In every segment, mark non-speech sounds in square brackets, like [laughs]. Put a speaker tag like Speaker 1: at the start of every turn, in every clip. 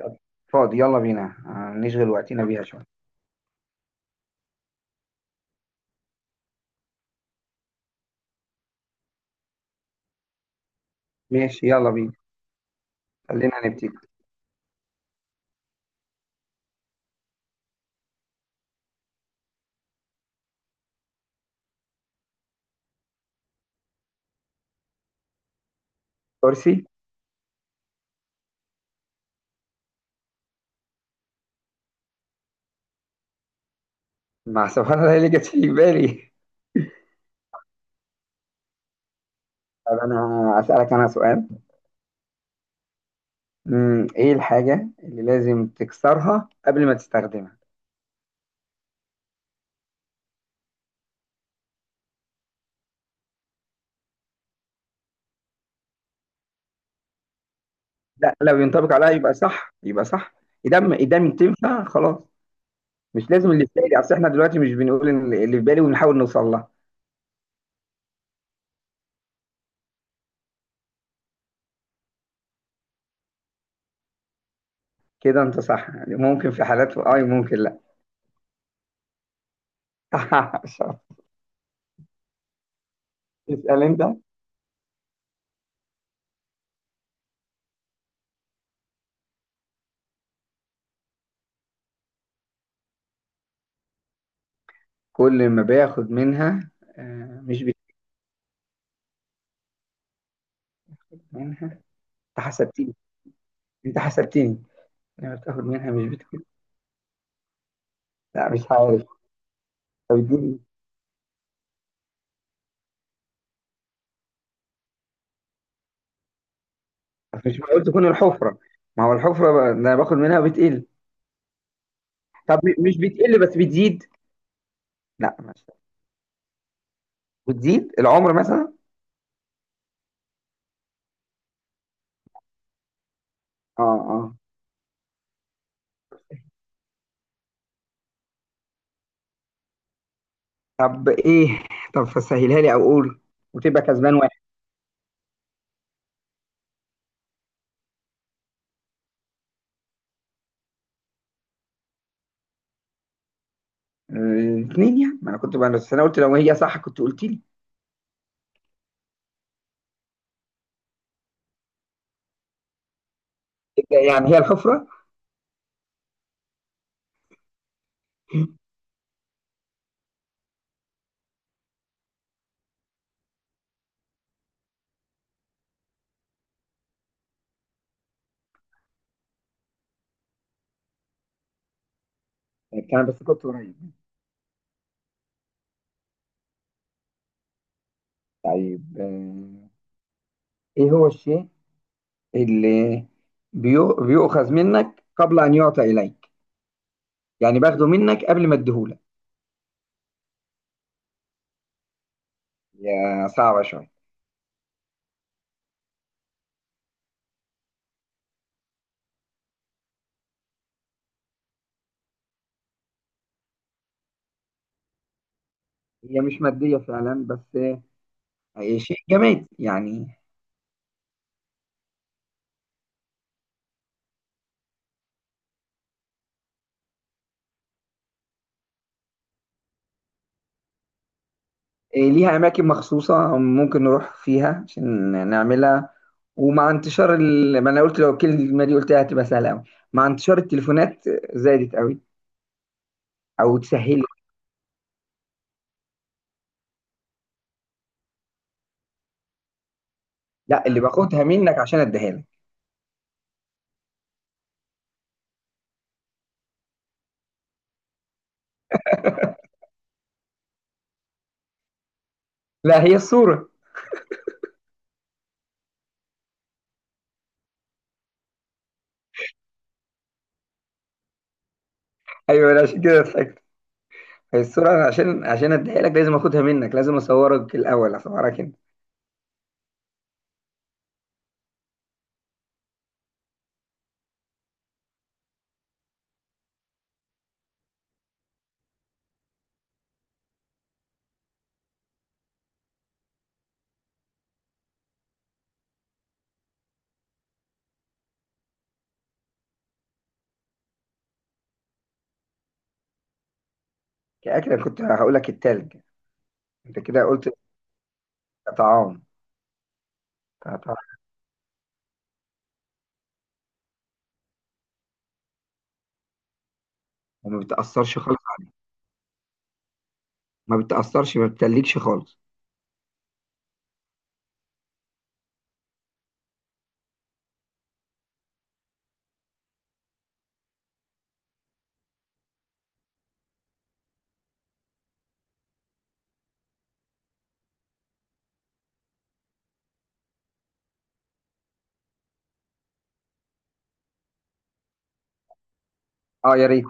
Speaker 1: طب فاضي يلا بينا نشغل وقتنا بيها شوية. ماشي يلا بينا، خلينا نبتدي. كرسي. مع [laughs] سبحان الله إيه اللي جت في بالي. طب أنا أسألك أنا سؤال. إيه الحاجة اللي لازم تكسرها قبل ما تستخدمها؟ لا لو ينطبق عليها يبقى صح، يبقى صح. إدام تنفع خلاص. مش لازم اللي في بالي، أصل إحنا دلوقتي مش بنقول إن اللي في بالي ونحاول نوصل لها. كده أنت صح، يعني ممكن في حالات، أي ممكن لا. [laughs] شاطر. اسأل أنت. كل ما باخد منها مش منها. انت حسبتيني، انت حسبتيني. لما بتاخد منها مش بتكون؟ لا مش عارف. طب اديني. مش معقول تكون الحفرة؟ ما هو الحفرة ده انا باخد منها بتقل. طب مش بتقل بس بتزيد؟ لا مش بتزيد، العمر مثلا. اه اه. طب ايه؟ طب فسهلها لي او قول وتبقى كسبان واحد. الاثنين يعني، ما انا كنت بقى، بس انا قلت لو هي صح كنت قلت لي. يعني هي الحفرة؟ كان بس كنت قريب. طيب ايه هو الشيء اللي بيؤخذ منك قبل أن يعطى إليك؟ يعني باخده منك قبل ما اديهولك. هي صعبة شوية. هي مش مادية فعلا، بس هي شيء جماد يعني. ليها أماكن مخصوصة ممكن نروح فيها عشان نعملها، ومع انتشار ال... ما أنا قلت لو الكلمة دي قلتها هتبقى سهلة أوي. مع انتشار التليفونات زادت أوي، أو تسهل. لا اللي باخدها منك عشان أديها لك. لا هي الصورة. أيوة أنا عشان كده ضحكت. هي الصورة، عشان عشان اديها لك لازم اخدها منك، لازم اصورك الاول، اصورك انت. كأكل أنا كنت هقول لك التلج. انت كده قلت طعام، طعام. وما بتأثرش خالص، ما بتأثرش، ما بتتلجش خالص. اه يا ريت.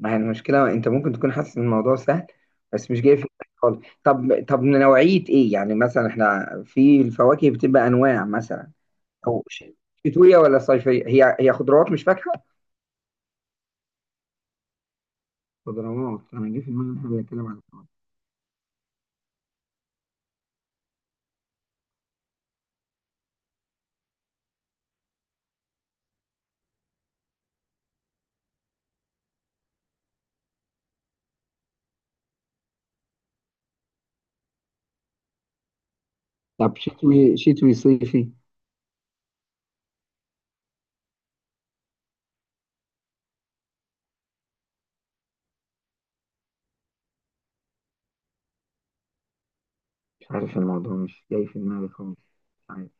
Speaker 1: ما هي المشكلة انت ممكن تكون حاسس ان الموضوع سهل بس مش جاي في دماغك خالص. طب طب نوعية ايه؟ يعني مثلا احنا في الفواكه بتبقى انواع مثلا، او شتوية ولا صيفية؟ هي هي خضروات مش فاكهة؟ خضروات انا جه في دماغي إن إحنا بنتكلم عن. طب شتوي شتوي صيفي. مش عارف الموضوع مش جاي في دماغي خالص. مش عارف.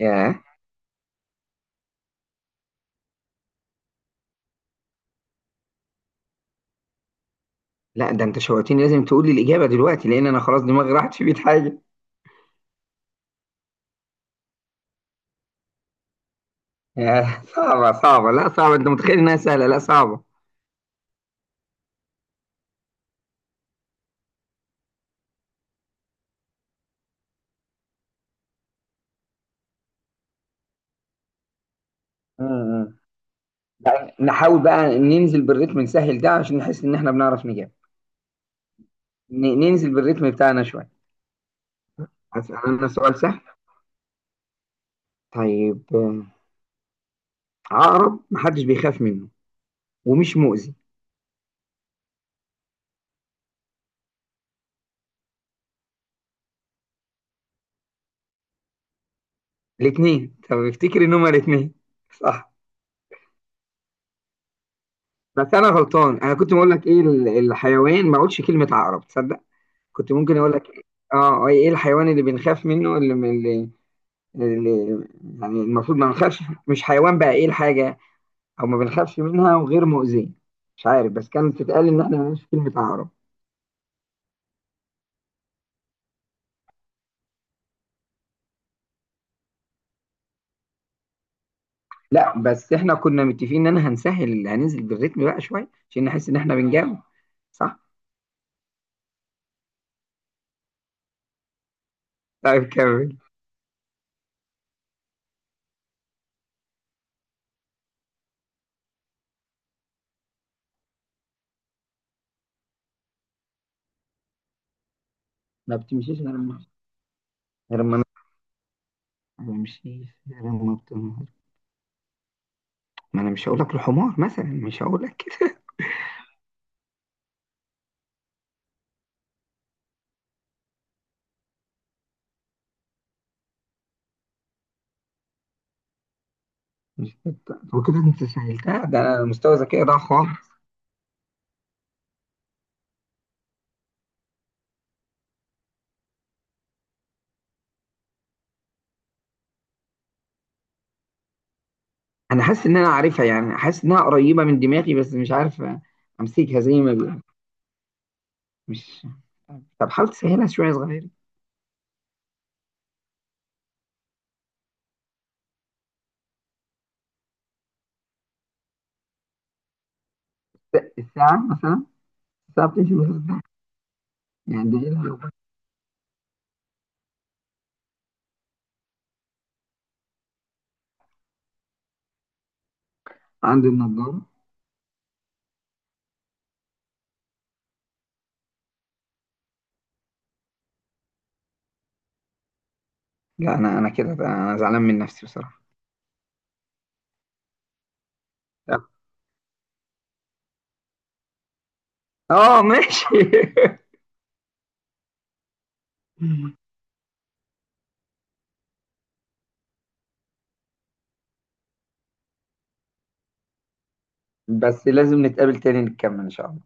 Speaker 1: ياه. لا ده انت شوقتني، لازم تقول لي الاجابه دلوقتي لان انا خلاص دماغي راحت في 100 حاجه. ياه صعبه صعبه، لا صعبه، انت متخيل انها سهله، لا صعبه. امم. بقى نحاول بقى ننزل بالريتم، نسهل ده عشان نحس ان احنا بنعرف نجاوب. ننزل بالريتم بتاعنا شويه. هسأل انا سؤال سهل. طيب عقرب محدش بيخاف منه ومش مؤذي. الاثنين، طب افتكر ان هما الاثنين صح. بس انا غلطان، انا كنت بقول لك ايه الحيوان، ما اقولش كلمه عقرب تصدق. كنت ممكن اقول لك إيه؟ اه ايه الحيوان اللي بنخاف منه اللي اللي يعني المفروض ما نخافش، مش حيوان بقى، ايه الحاجه او ما بنخافش منها وغير مؤذيه؟ مش عارف، بس كانت تتقال ان احنا ما نقولش كلمه عقرب. لا بس احنا كنا متفقين ان انا هنسهل، هننزل بالريتم بقى شويه عشان نحس ان احنا بنجاوب. صح. طيب كمل. ما بتمشيش غير لما، غير ما، ما بمشيش غير ما بتنهار. ما انا مش هقول لك الحمار مثلا، مش هقول لك. مش ستة هو كده انت سهلتها، ده انا مستوى ذكائي ضاع خالص. انا حاسس ان انا عارفها، يعني حاسس انها قريبة من دماغي بس مش عارف امسكها زي ما بيقولوا. مش. طب حاول تسهلها شوية صغيرة. الساعة مثلا. الساعة بتمشي بالإصبع، يعني دي لو بقى. عندي النضارة. لا أنا أنا كده أنا زعلان من نفسي بصراحة. آه ماشي. [laughs] بس لازم نتقابل تاني نكمل إن شاء الله.